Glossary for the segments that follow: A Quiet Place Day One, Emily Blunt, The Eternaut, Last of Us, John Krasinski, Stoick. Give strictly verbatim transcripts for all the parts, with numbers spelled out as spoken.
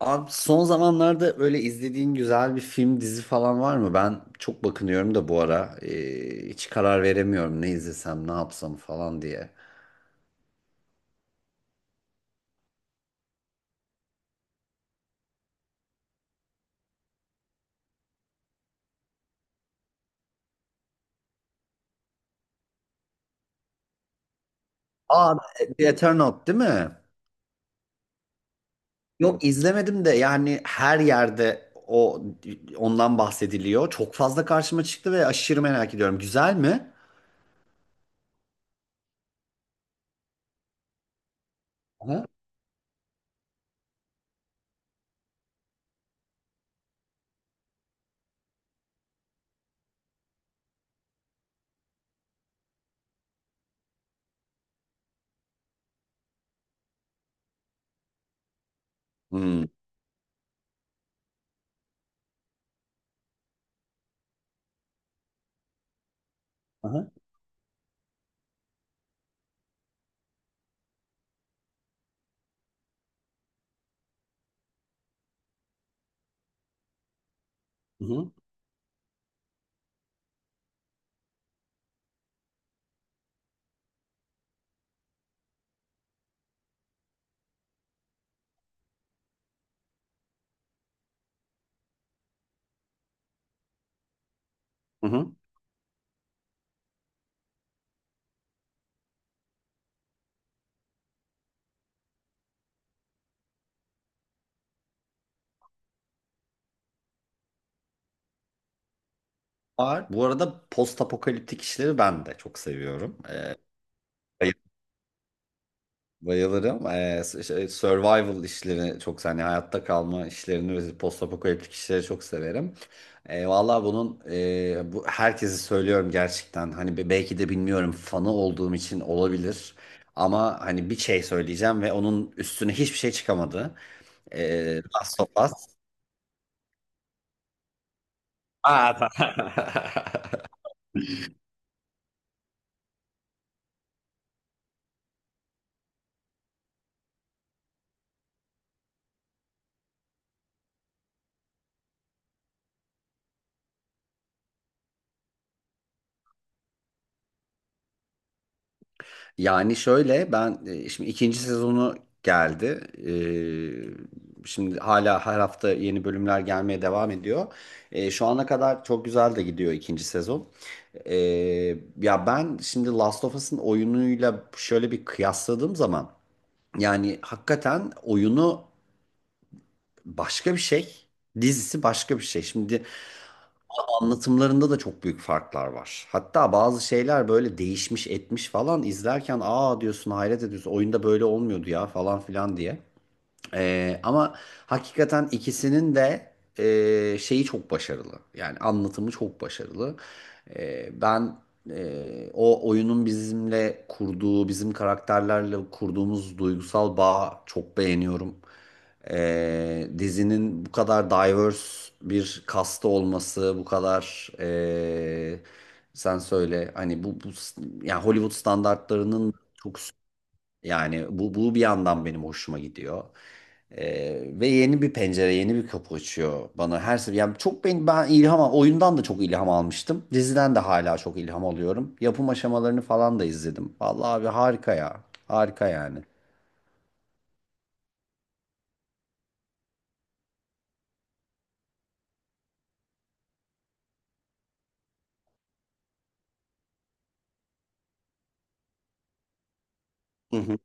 Abi son zamanlarda böyle izlediğin güzel bir film, dizi falan var mı? Ben çok bakınıyorum da bu ara. Ee, hiç karar veremiyorum ne izlesem, ne yapsam falan diye. Aa, The Eternaut değil mi? Yok izlemedim de yani her yerde o ondan bahsediliyor. Çok fazla karşıma çıktı ve aşırı merak ediyorum. Güzel mi? Aha. Hmm. Aha. Hı hı. Hı hı. Var. Bu arada post apokaliptik işleri ben de çok seviyorum. Ee, Bayılırım. Ee, s- şey, survival işlerini çok hani hayatta kalma işlerini ve postapokaliptik işleri çok severim. Ee, Vallahi bunun e, bu herkese söylüyorum gerçekten. Hani be- belki de bilmiyorum fanı olduğum için olabilir. Ama hani bir şey söyleyeceğim ve onun üstüne hiçbir şey çıkamadı. Ee, Last of Us. Aa, Yani şöyle ben e, şimdi ikinci sezonu geldi. Ee, şimdi hala her hafta yeni bölümler gelmeye devam ediyor. Ee, şu ana kadar çok güzel de gidiyor ikinci sezon. Ee, ya ben şimdi Last of Us'ın oyunuyla şöyle bir kıyasladığım zaman yani hakikaten oyunu başka bir şey, dizisi başka bir şey. Şimdi anlatımlarında da çok büyük farklar var. Hatta bazı şeyler böyle değişmiş etmiş falan izlerken aa diyorsun, hayret ediyorsun, oyunda böyle olmuyordu ya falan filan diye. Ee, ama hakikaten ikisinin de e, şeyi çok başarılı. Yani anlatımı çok başarılı. Ee, ben e, o oyunun bizimle kurduğu, bizim karakterlerle kurduğumuz duygusal bağı çok beğeniyorum. Ee, dizinin bu kadar diverse bir kasta olması, bu kadar e, sen söyle hani bu, bu yani Hollywood standartlarının çok, yani bu, bu bir yandan benim hoşuma gidiyor. Ee, ve yeni bir pencere, yeni bir kapı açıyor bana her sefer. Yani çok ben, ben ilham al- oyundan da çok ilham almıştım. Diziden de hala çok ilham alıyorum. Yapım aşamalarını falan da izledim. Vallahi abi harika ya. Harika yani. Hı hı.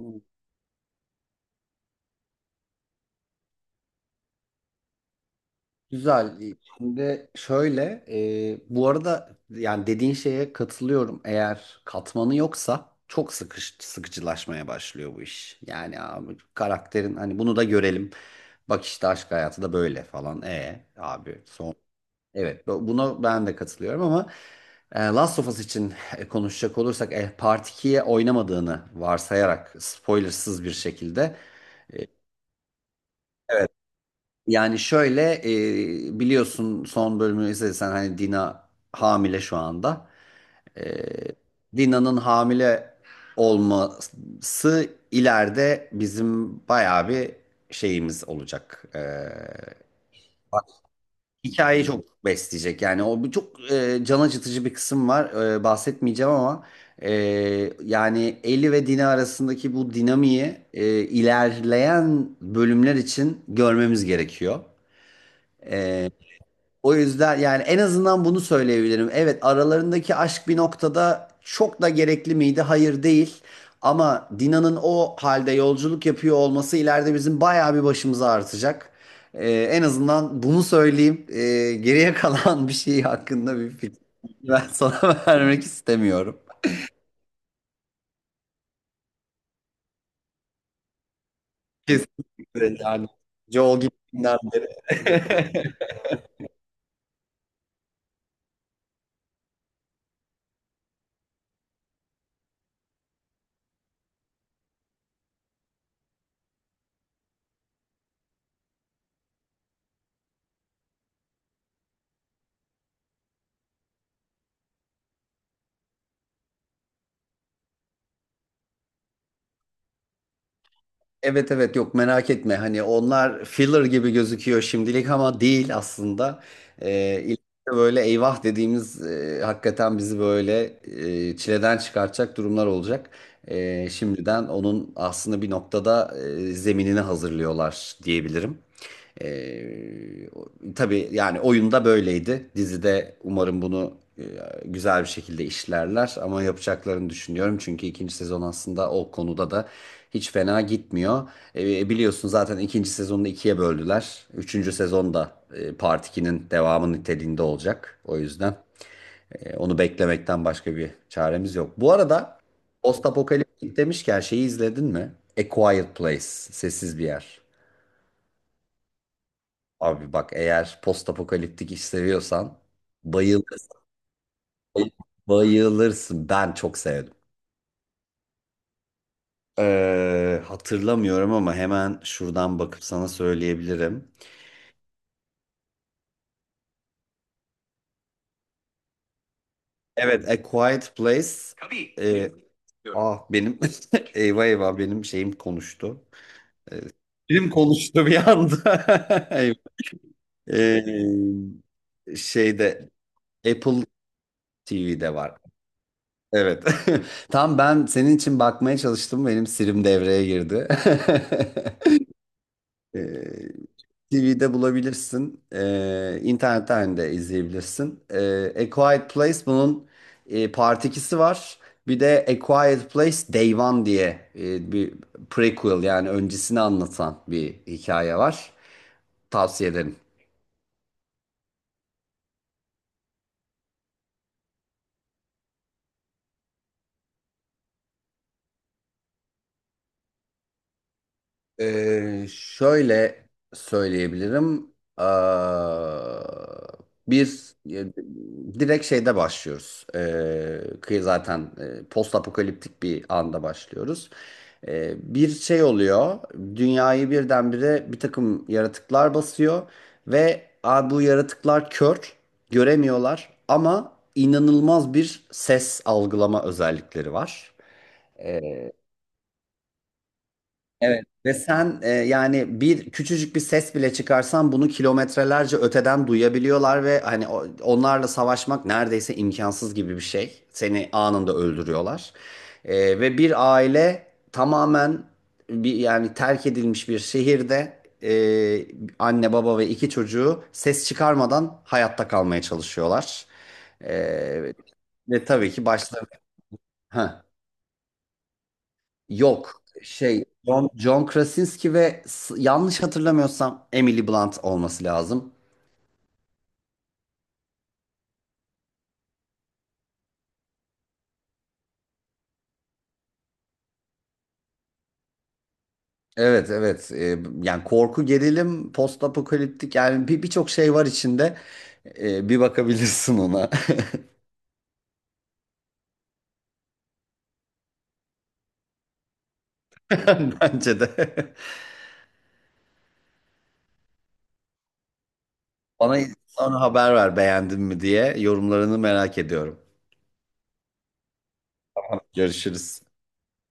Hı. Güzel. Şimdi şöyle, e, bu arada yani dediğin şeye katılıyorum. Eğer katmanı yoksa çok sıkış, sıkıcılaşmaya başlıyor bu iş. Yani abi karakterin hani bunu da görelim. Bak işte aşk hayatı da böyle falan. E abi son. Evet bu- buna ben de katılıyorum, ama e, Last of Us için e, konuşacak olursak e, Part ikiye oynamadığını varsayarak spoilersız bir şekilde, e, evet yani şöyle, e, biliyorsun son bölümü izlediysen hani Dina hamile şu anda. E, Dina'nın hamile olması ileride bizim bayağı bir şeyimiz olacak. E, Hikayeyi çok besleyecek, yani o bir çok e, can acıtıcı bir kısım var. E, bahsetmeyeceğim ama e, yani Ellie ve Dina arasındaki bu dinamiği e, ilerleyen bölümler için görmemiz gerekiyor. O yüzden yani en azından bunu söyleyebilirim. Evet, aralarındaki aşk bir noktada çok da gerekli miydi? Hayır, değil. Ama Dina'nın o halde yolculuk yapıyor olması ileride bizim bayağı bir başımıza artacak. Ee, en azından bunu söyleyeyim. Ee, geriye kalan bir şey hakkında bir fikir ben sana vermek istemiyorum. Kesinlikle yani. Joel gittiğinden beri. Evet, evet, yok merak etme, hani onlar filler gibi gözüküyor şimdilik ama değil aslında. Ee, ileride böyle eyvah dediğimiz, e, hakikaten bizi böyle e, çileden çıkartacak durumlar olacak. Ee, şimdiden onun aslında bir noktada e, zeminini hazırlıyorlar diyebilirim. Ee, o- tabii yani oyunda böyleydi. Dizide umarım bunu e, güzel bir şekilde işlerler ama yapacaklarını düşünüyorum. Çünkü ikinci sezon aslında o konuda da hiç fena gitmiyor. E, biliyorsun zaten ikinci sezonu ikiye böldüler. Üçüncü sezon da e, Part ikinin devamı niteliğinde olacak. O yüzden e, onu beklemekten başka bir çaremiz yok. Bu arada Postapokaliptik demişken şeyi izledin mi? A Quiet Place, sessiz bir yer. Abi bak, eğer postapokaliptik iş seviyorsan bayılırsın. Bayılırsın. Ben çok sevdim. Ee, hatırlamıyorum ama hemen şuradan bakıp sana söyleyebilirim. Evet, A Quiet Place. Tabii. Ee, ah, benim eyvah eyvah, benim şeyim konuştu. Ee, Film konuştu bir anda. Eyvah. Ee, şeyde Apple T V'de var. Evet. Tam ben senin için bakmaya çalıştım. Benim Siri'm devreye girdi. T V'de bulabilirsin. E, internetten de izleyebilirsin. E, A Quiet Place bunun e, Part ikisi var. Bir de A Quiet Place Day One diye e, bir prequel, yani öncesini anlatan bir hikaye var. Tavsiye ederim. Ee, şöyle söyleyebilirim. Aa, bir e, direkt şeyde başlıyoruz. Ee, kıyı zaten, e, post apokaliptik bir anda başlıyoruz. Ee, bir şey oluyor. Dünyayı birdenbire bir takım yaratıklar basıyor ve "Aa, bu yaratıklar kör, göremiyorlar ama inanılmaz bir ses algılama özellikleri var." Evet ve sen e, yani bir küçücük bir ses bile çıkarsan bunu kilometrelerce öteden duyabiliyorlar ve hani o- onlarla savaşmak neredeyse imkansız gibi bir şey. Seni anında öldürüyorlar. E, ve bir aile tamamen, bir yani terk edilmiş bir şehirde, e, anne baba ve iki çocuğu ses çıkarmadan hayatta kalmaya çalışıyorlar. E, Ve tabii ki başlarına... Heh. Yok şey, John John Krasinski ve s- yanlış hatırlamıyorsam Emily Blunt olması lazım. Evet, evet. Ee, yani korku, gerilim, post apokaliptik, yani bir birçok şey var içinde. Ee, bir bakabilirsin ona. Bence de. Bana sonra haber ver beğendin mi diye, yorumlarını merak ediyorum. Görüşürüz.